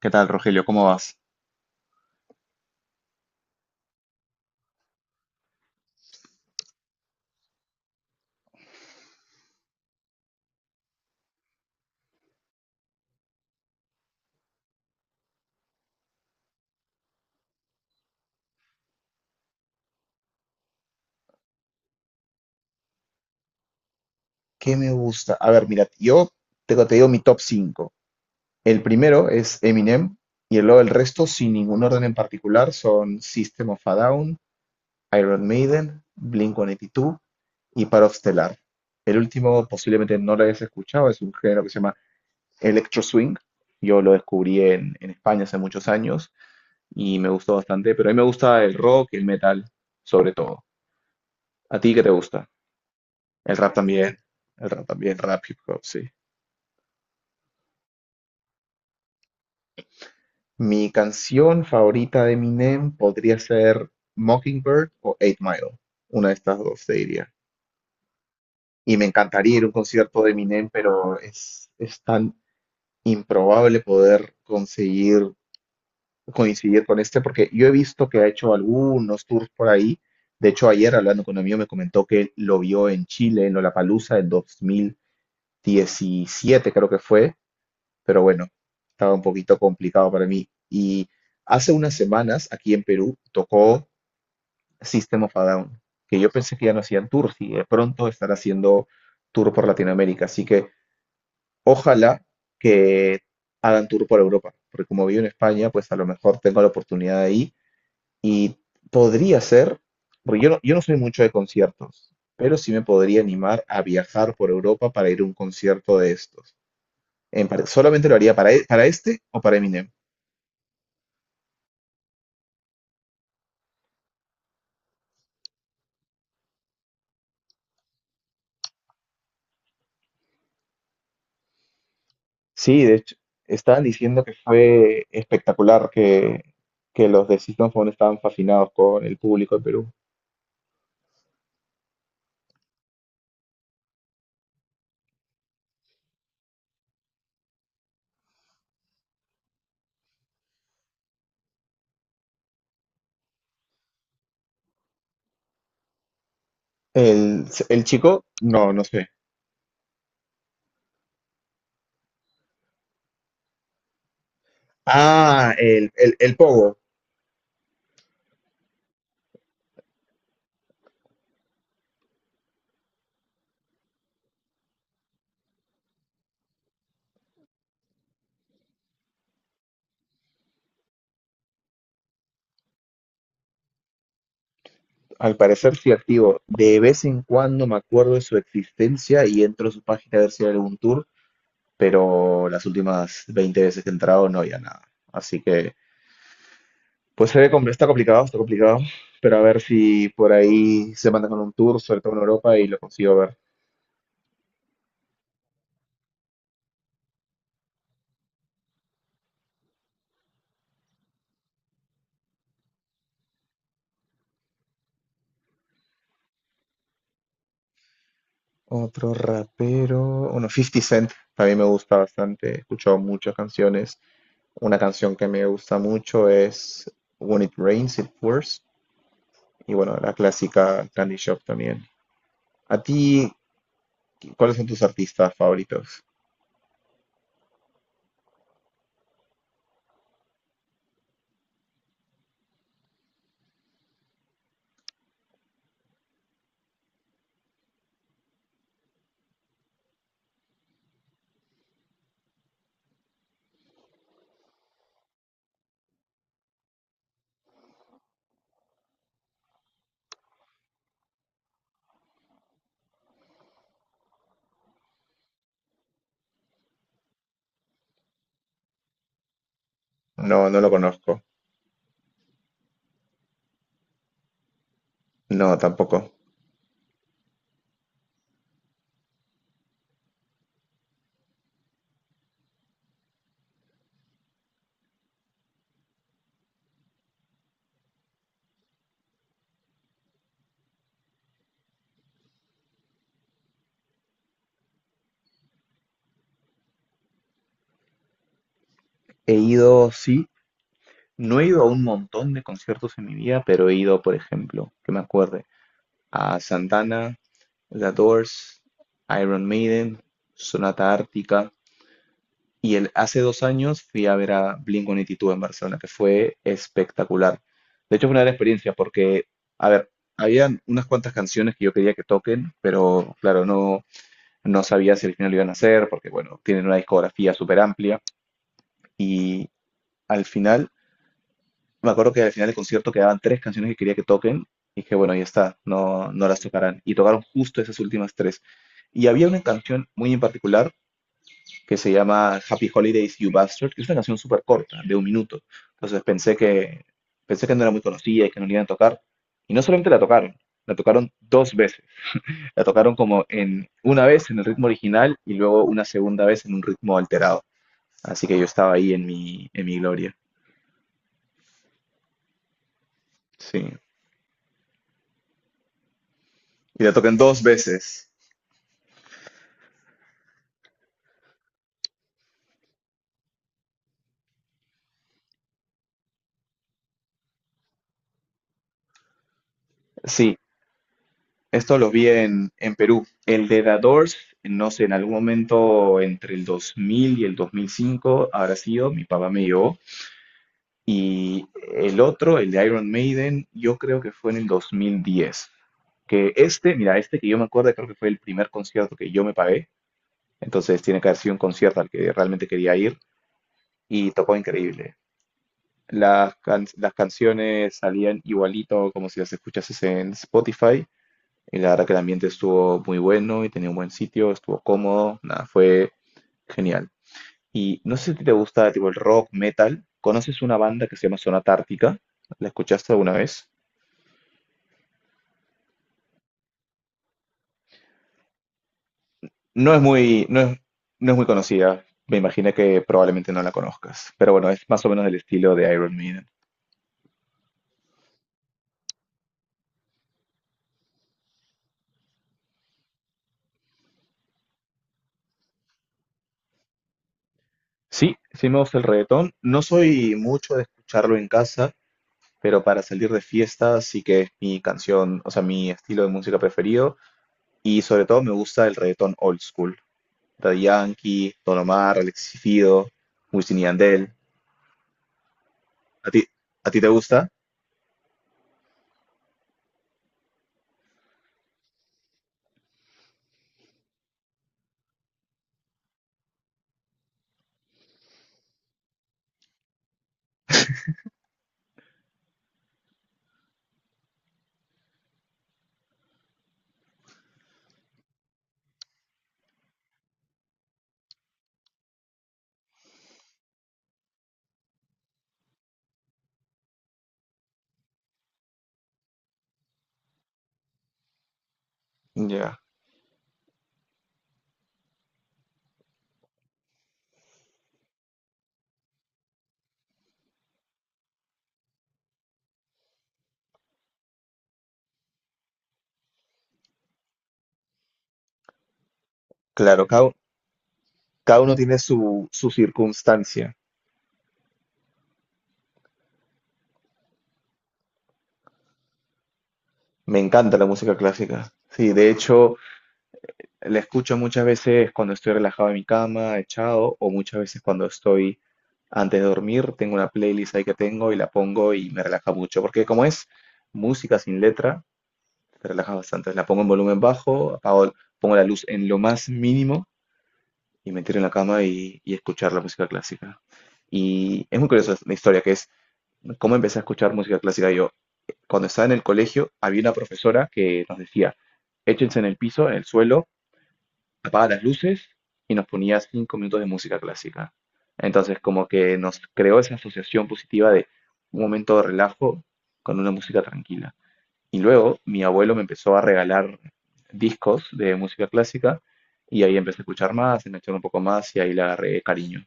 ¿Qué tal, Rogelio? ¿Cómo vas? ¿Qué me gusta? A ver, mira, yo te digo mi top 5. El primero es Eminem y luego el resto, sin ningún orden en particular, son System of a Down, Iron Maiden, Blink-182 y Paro Stellar. El último posiblemente no lo hayas escuchado, es un género que se llama Electro Swing. Yo lo descubrí en España hace muchos años y me gustó bastante, pero a mí me gusta el rock y el metal, sobre todo. ¿A ti qué te gusta? El rap también, el rap también, rap, hip hop, sí. Mi canción favorita de Eminem podría ser Mockingbird o Eight Mile, una de estas dos, te diría. Y me encantaría ir a un concierto de Eminem, pero es tan improbable poder conseguir coincidir con este, porque yo he visto que ha hecho algunos tours por ahí. De hecho, ayer hablando con un amigo me comentó que lo vio en Chile, en Lollapalooza del 2017, creo que fue, pero bueno, estaba un poquito complicado para mí. Y hace unas semanas aquí en Perú tocó System of a Down, que yo pensé que ya no hacían tours y de pronto estará haciendo tour por Latinoamérica. Así que ojalá que hagan tour por Europa, porque como vivo en España, pues a lo mejor tengo la oportunidad ahí y podría ser, porque yo no soy mucho de conciertos, pero sí me podría animar a viajar por Europa para ir a un concierto de estos. Solamente lo haría para, para este o para Eminem. Sí, de hecho, estaban diciendo que fue espectacular, que los de System Phone estaban fascinados con el público de Perú. El, el chico, no, no sé. Ah, el Pogo, al parecer sí activo. De vez en cuando me acuerdo de su existencia y entro a su página a ver si hay algún tour, pero las últimas 20 veces que he entrado no había nada. Así que, pues se ve, está complicado, pero a ver si por ahí se mandan con un tour, sobre todo en Europa, y lo consigo ver. Otro rapero, bueno, Fifty Cent, también me gusta bastante, he escuchado muchas canciones. Una canción que me gusta mucho es When It Rains, It Pours, y bueno, la clásica Candy Shop también. ¿A ti, cuáles son tus artistas favoritos? No, no lo conozco. No, tampoco. He ido, sí, no he ido a un montón de conciertos en mi vida, pero he ido, por ejemplo, que me acuerde, a Santana, The Doors, Iron Maiden, Sonata Ártica. Hace 2 años fui a ver a Blink-182 en Barcelona, que fue espectacular. De hecho, fue una gran experiencia porque, a ver, habían unas cuantas canciones que yo quería que toquen, pero claro, no, no sabía si al final lo iban a hacer, porque bueno, tienen una discografía súper amplia. Y al final, me acuerdo que al final del concierto quedaban tres canciones que quería que toquen, y dije, bueno, ya está, no, no las tocarán. Y tocaron justo esas últimas tres. Y había una canción muy en particular que se llama Happy Holidays You Bastard, que es una canción súper corta, de 1 minuto. Entonces pensé que, no era muy conocida y que no la iban a tocar. Y no solamente la tocaron dos veces. La tocaron como en una vez en el ritmo original y luego una segunda vez en un ritmo alterado. Así que yo estaba ahí en mi gloria. Sí. Y la tocan dos veces. Sí, esto lo vi en Perú. El de The Doors, no sé, en algún momento entre el 2000 y el 2005 habrá sido, mi papá me llevó. Y el otro, el de Iron Maiden, yo creo que fue en el 2010. Que este, mira, este que yo me acuerdo, creo que fue el primer concierto que yo me pagué. Entonces tiene que haber sido un concierto al que realmente quería ir y tocó increíble. Las canciones salían igualito como si las escuchases en Spotify. Y la verdad que el ambiente estuvo muy bueno y tenía un buen sitio, estuvo cómodo, nada, fue genial. Y no sé si te gusta tipo el rock, metal. ¿Conoces una banda que se llama Zona Tártica? ¿La escuchaste alguna vez? No es muy, no es, no es muy conocida. Me imaginé que probablemente no la conozcas. Pero bueno, es más o menos del estilo de Iron Maiden. Sí, sí me gusta el reggaetón. No soy mucho de escucharlo en casa, pero para salir de fiesta sí que es mi canción, o sea, mi estilo de música preferido. Y sobre todo me gusta el reggaetón old school. Daddy Yankee, Don Omar, Alexis Fido, Wisin y Yandel. ¿A ti, a ti te gusta? Ya. Claro, cada uno tiene su circunstancia. Me encanta la música clásica. Sí, de hecho, la escucho muchas veces cuando estoy relajado en mi cama, echado, o muchas veces cuando estoy antes de dormir. Tengo una playlist ahí que tengo y la pongo y me relaja mucho. Porque como es música sin letra, te relaja bastante. La pongo en volumen bajo, apago, pongo la luz en lo más mínimo y me tiro en la cama y escuchar la música clásica. Y es muy curiosa la historia que cómo empecé a escuchar música clásica yo. Cuando estaba en el colegio, había una profesora que nos decía, échense en el piso, en el suelo, apaga las luces y nos ponía 5 minutos de música clásica. Entonces, como que nos creó esa asociación positiva de un momento de relajo con una música tranquila. Y luego mi abuelo me empezó a regalar discos de música clásica y ahí empecé a escuchar más, a echar un poco más y ahí le agarré cariño.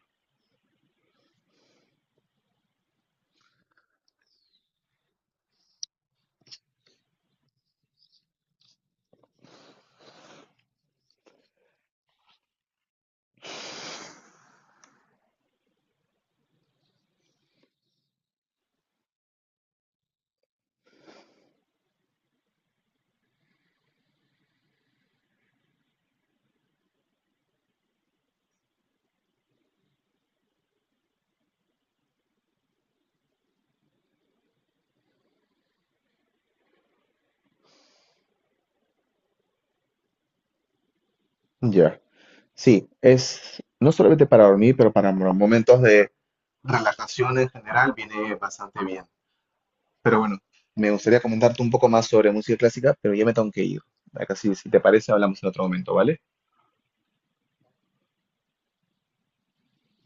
Ya. Sí, es no solamente para dormir, pero para momentos de relajación en general viene bastante bien. Pero bueno, me gustaría comentarte un poco más sobre música clásica, pero ya me tengo que ir. Acá sí, si te parece, hablamos en otro momento, ¿vale?